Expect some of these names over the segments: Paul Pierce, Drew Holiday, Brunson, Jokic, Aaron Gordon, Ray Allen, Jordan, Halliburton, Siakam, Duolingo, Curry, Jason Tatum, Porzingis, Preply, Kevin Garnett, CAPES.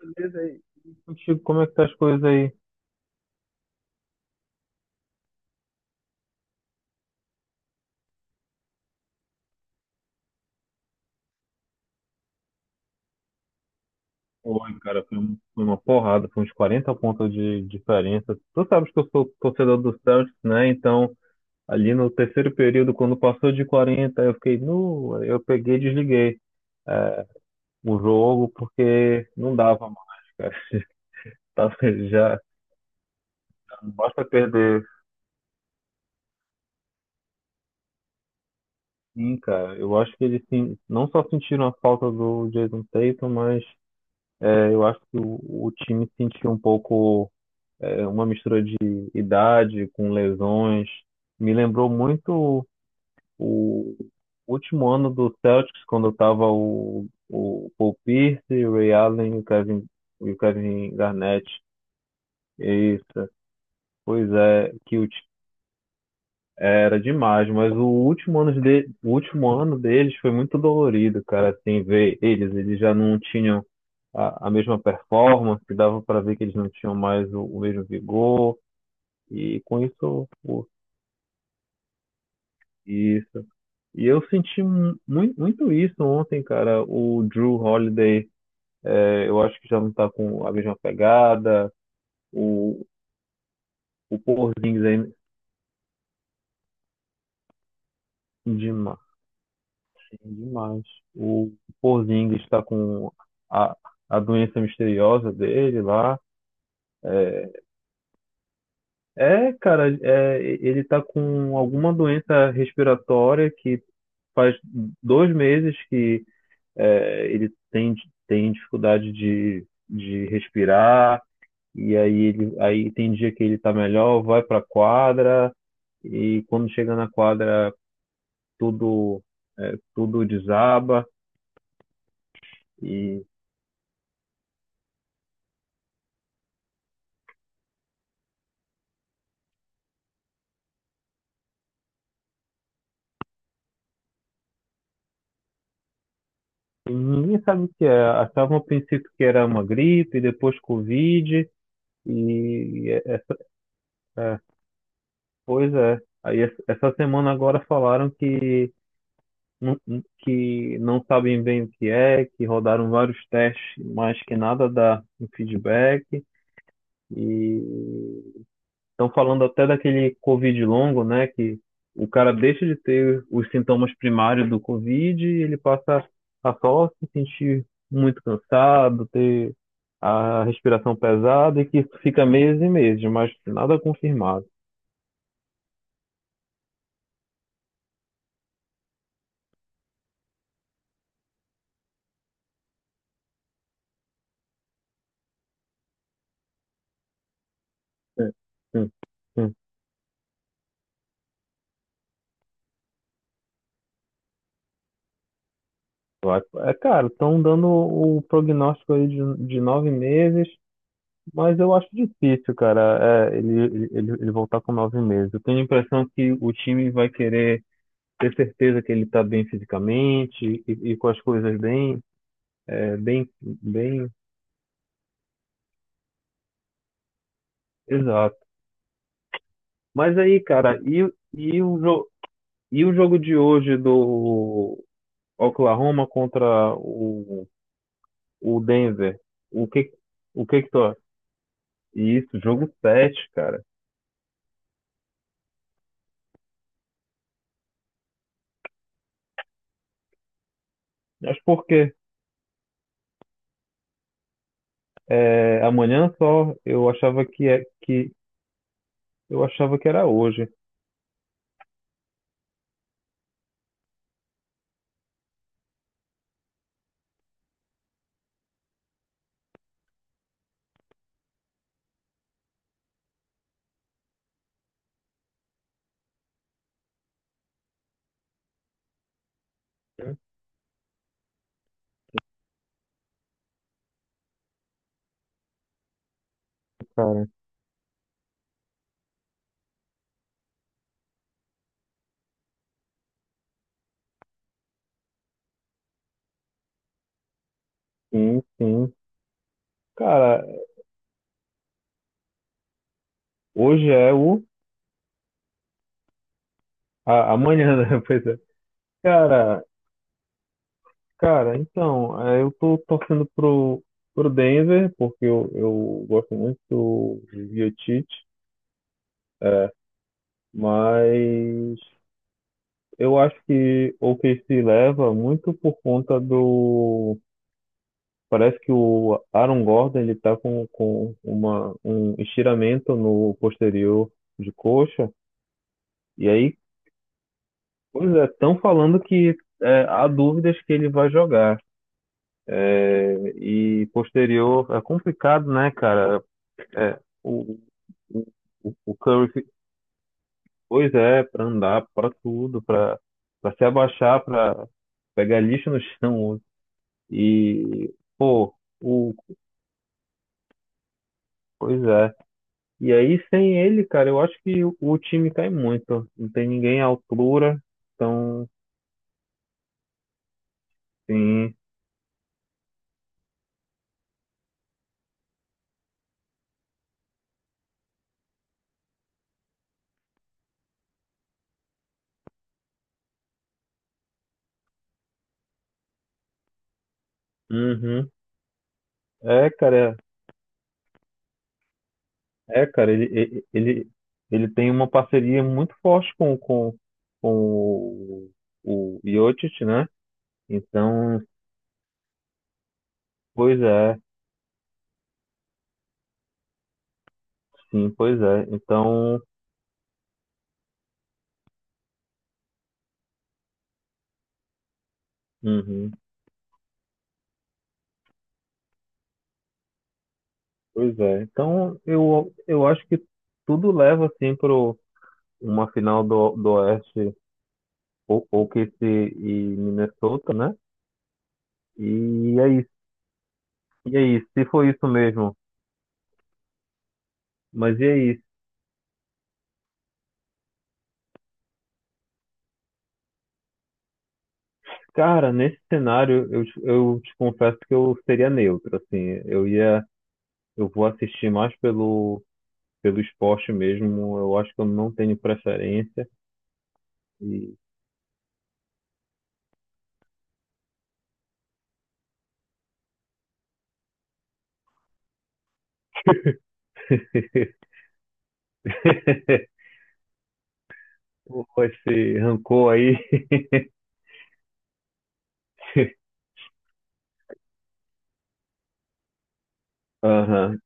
Beleza aí. E contigo, como é que tá as coisas aí? Oi, cara, foi uma porrada, foi uns 40 pontos de diferença. Tu sabes que eu sou torcedor do Celtics, né? Então, ali no terceiro período, quando passou de 40 eu fiquei nu, aí eu peguei e desliguei o jogo porque não dava mais, cara. Tava já, não basta perder. Sim, cara, eu acho que eles sim, não só sentiram a falta do Jason Tatum, mas eu acho que o time sentiu um pouco uma mistura de idade com lesões. Me lembrou muito o último ano do Celtics, quando estava o Paul Pierce, o Ray Allen e o Kevin Garnett. Isso, pois é, que era demais, mas o último ano deles foi muito dolorido, cara, assim, ver eles já não tinham a mesma performance, dava para ver que eles não tinham mais o mesmo vigor, e com isso o. Isso. E eu senti muito isso ontem, cara. O Drew Holiday, eu acho que já não tá com a mesma pegada. O, o Porzingis é demais, demais. O Porzingis está com a, a doença misteriosa dele lá. É, cara, ele tá com alguma doença respiratória que faz 2 meses que ele tem dificuldade de respirar. Aí tem dia que ele tá melhor, vai pra quadra, e quando chega na quadra tudo tudo desaba e, e ninguém sabe o que é. Achavam no princípio que era uma gripe, depois Covid, e é, é, pois é. Aí essa semana agora falaram não, que não sabem bem o que é, que rodaram vários testes, mas que nada dá um feedback. E estão falando até daquele Covid longo, né? Que o cara deixa de ter os sintomas primários do Covid e ele passa a só se sentir muito cansado, ter a respiração pesada e que isso fica meses e meses, mas nada confirmado. É, sim, sim. É, cara, estão dando o prognóstico aí de 9 meses, mas eu acho difícil, cara, ele voltar com 9 meses. Eu tenho a impressão que o time vai querer ter certeza que ele está bem fisicamente e com as coisas bem, é, bem, bem, exato. Mas aí, cara, e o jogo de hoje do Oklahoma contra o Denver? O que, o que que tu acha? Isso, jogo 7, cara. Mas por quê? É, amanhã só, eu achava que era hoje. Cara, sim, sim. Cara, hoje é o. Amanhã, né? Pois é. Cara, Cara, então, eu tô torcendo pro Denver, porque eu gosto muito do Jokic, é, mas eu acho que o OKC leva muito por conta do. Parece que o Aaron Gordon, ele tá com um estiramento no posterior de coxa, e aí, pois é, estão falando que há dúvidas que ele vai jogar. É, e posterior, é complicado, né, cara? É, o, o Curry, pois é, pra andar, pra tudo, pra se abaixar, pra pegar lixo no chão. E, pô, pois é. E aí, sem ele, cara, eu acho que o time cai muito. Não tem ninguém à altura. Então, sim. Uhum. É, cara, é, cara, ele, ele, ele ele tem uma parceria muito forte com o, o Jokic, né? Então, pois é. Sim, pois é. Então, uhum, pois é. Então, eu acho que tudo leva assim para uma final do Oeste, ou que se e Minnesota, né? E é isso. E é isso. Se foi isso mesmo. Mas e é isso. Cara, nesse cenário, eu te confesso que eu seria neutro, assim. Eu ia, eu vou assistir mais pelo esporte mesmo. Eu acho que eu não tenho preferência. E. Pô, esse rancor aí. Aham.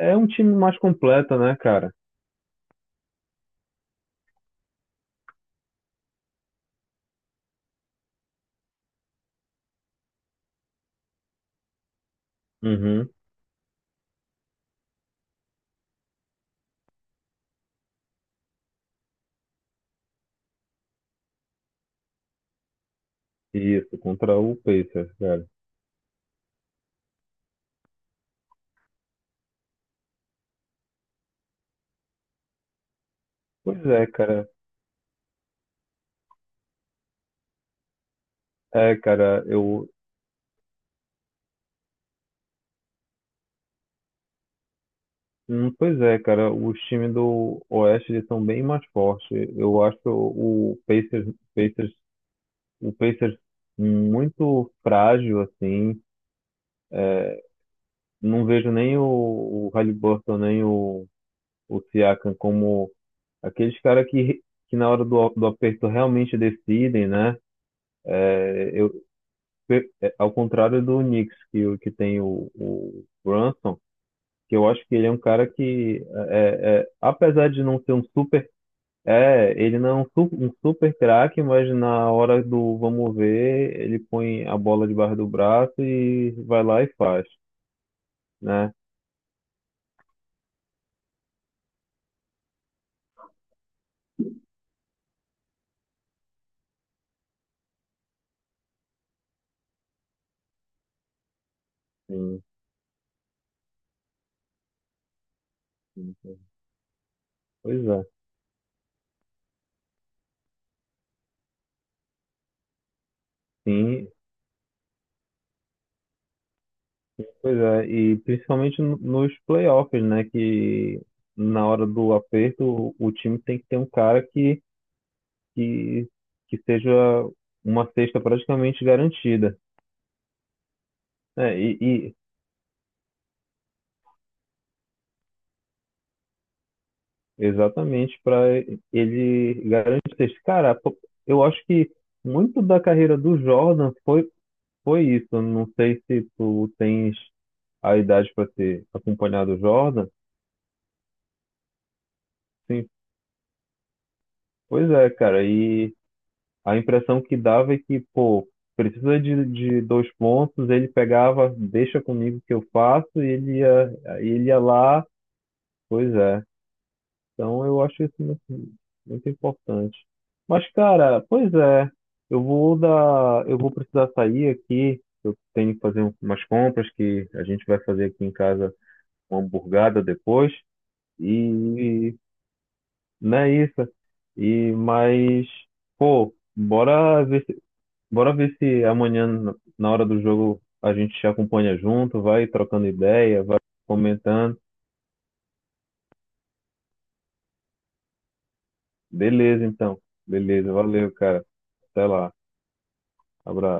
É um time mais completo, né, cara? Uhum. Isso, contra o Pacers, cara. Pois é, cara. É, cara, eu. Pois é, cara, os times do Oeste eles são bem mais fortes. Eu acho o Pacers, Pacers muito frágil, assim. Não vejo nem o Halliburton, nem o Siakam como aqueles caras que na hora do aperto realmente decidem, né? Eu, Ao contrário do Knicks, que tem o Brunson, que eu acho que ele é um cara que, apesar de não ser um super. É, ele não é um super craque, mas na hora do vamos ver, ele põe a bola debaixo do braço e vai lá e faz, né? Sim, sim, sim. Pois é. Sim, pois é, e principalmente nos playoffs, né? Que na hora do aperto, o time tem que ter um cara que, que seja uma cesta praticamente garantida. É, e exatamente para ele garantir a cesta. Cara, pô, eu acho que muito da carreira do Jordan foi, isso. Eu não sei se tu tens a idade para ter acompanhado o Jordan. Sim, pois é, cara. E a impressão que dava é que, pô, precisa de dois pontos, ele pegava, deixa comigo que eu faço, e ele ia, aí ele ia lá, pois é. Então eu acho isso muito, muito importante. Mas, cara, pois é, eu vou precisar sair aqui, eu tenho que fazer umas compras que a gente vai fazer aqui em casa uma hamburgada depois, e não é isso. E, mas, pô, bora ver se amanhã, na hora do jogo, a gente se acompanha junto, vai trocando ideia, vai comentando. Beleza, então. Beleza, valeu, cara. Até lá. Abraço.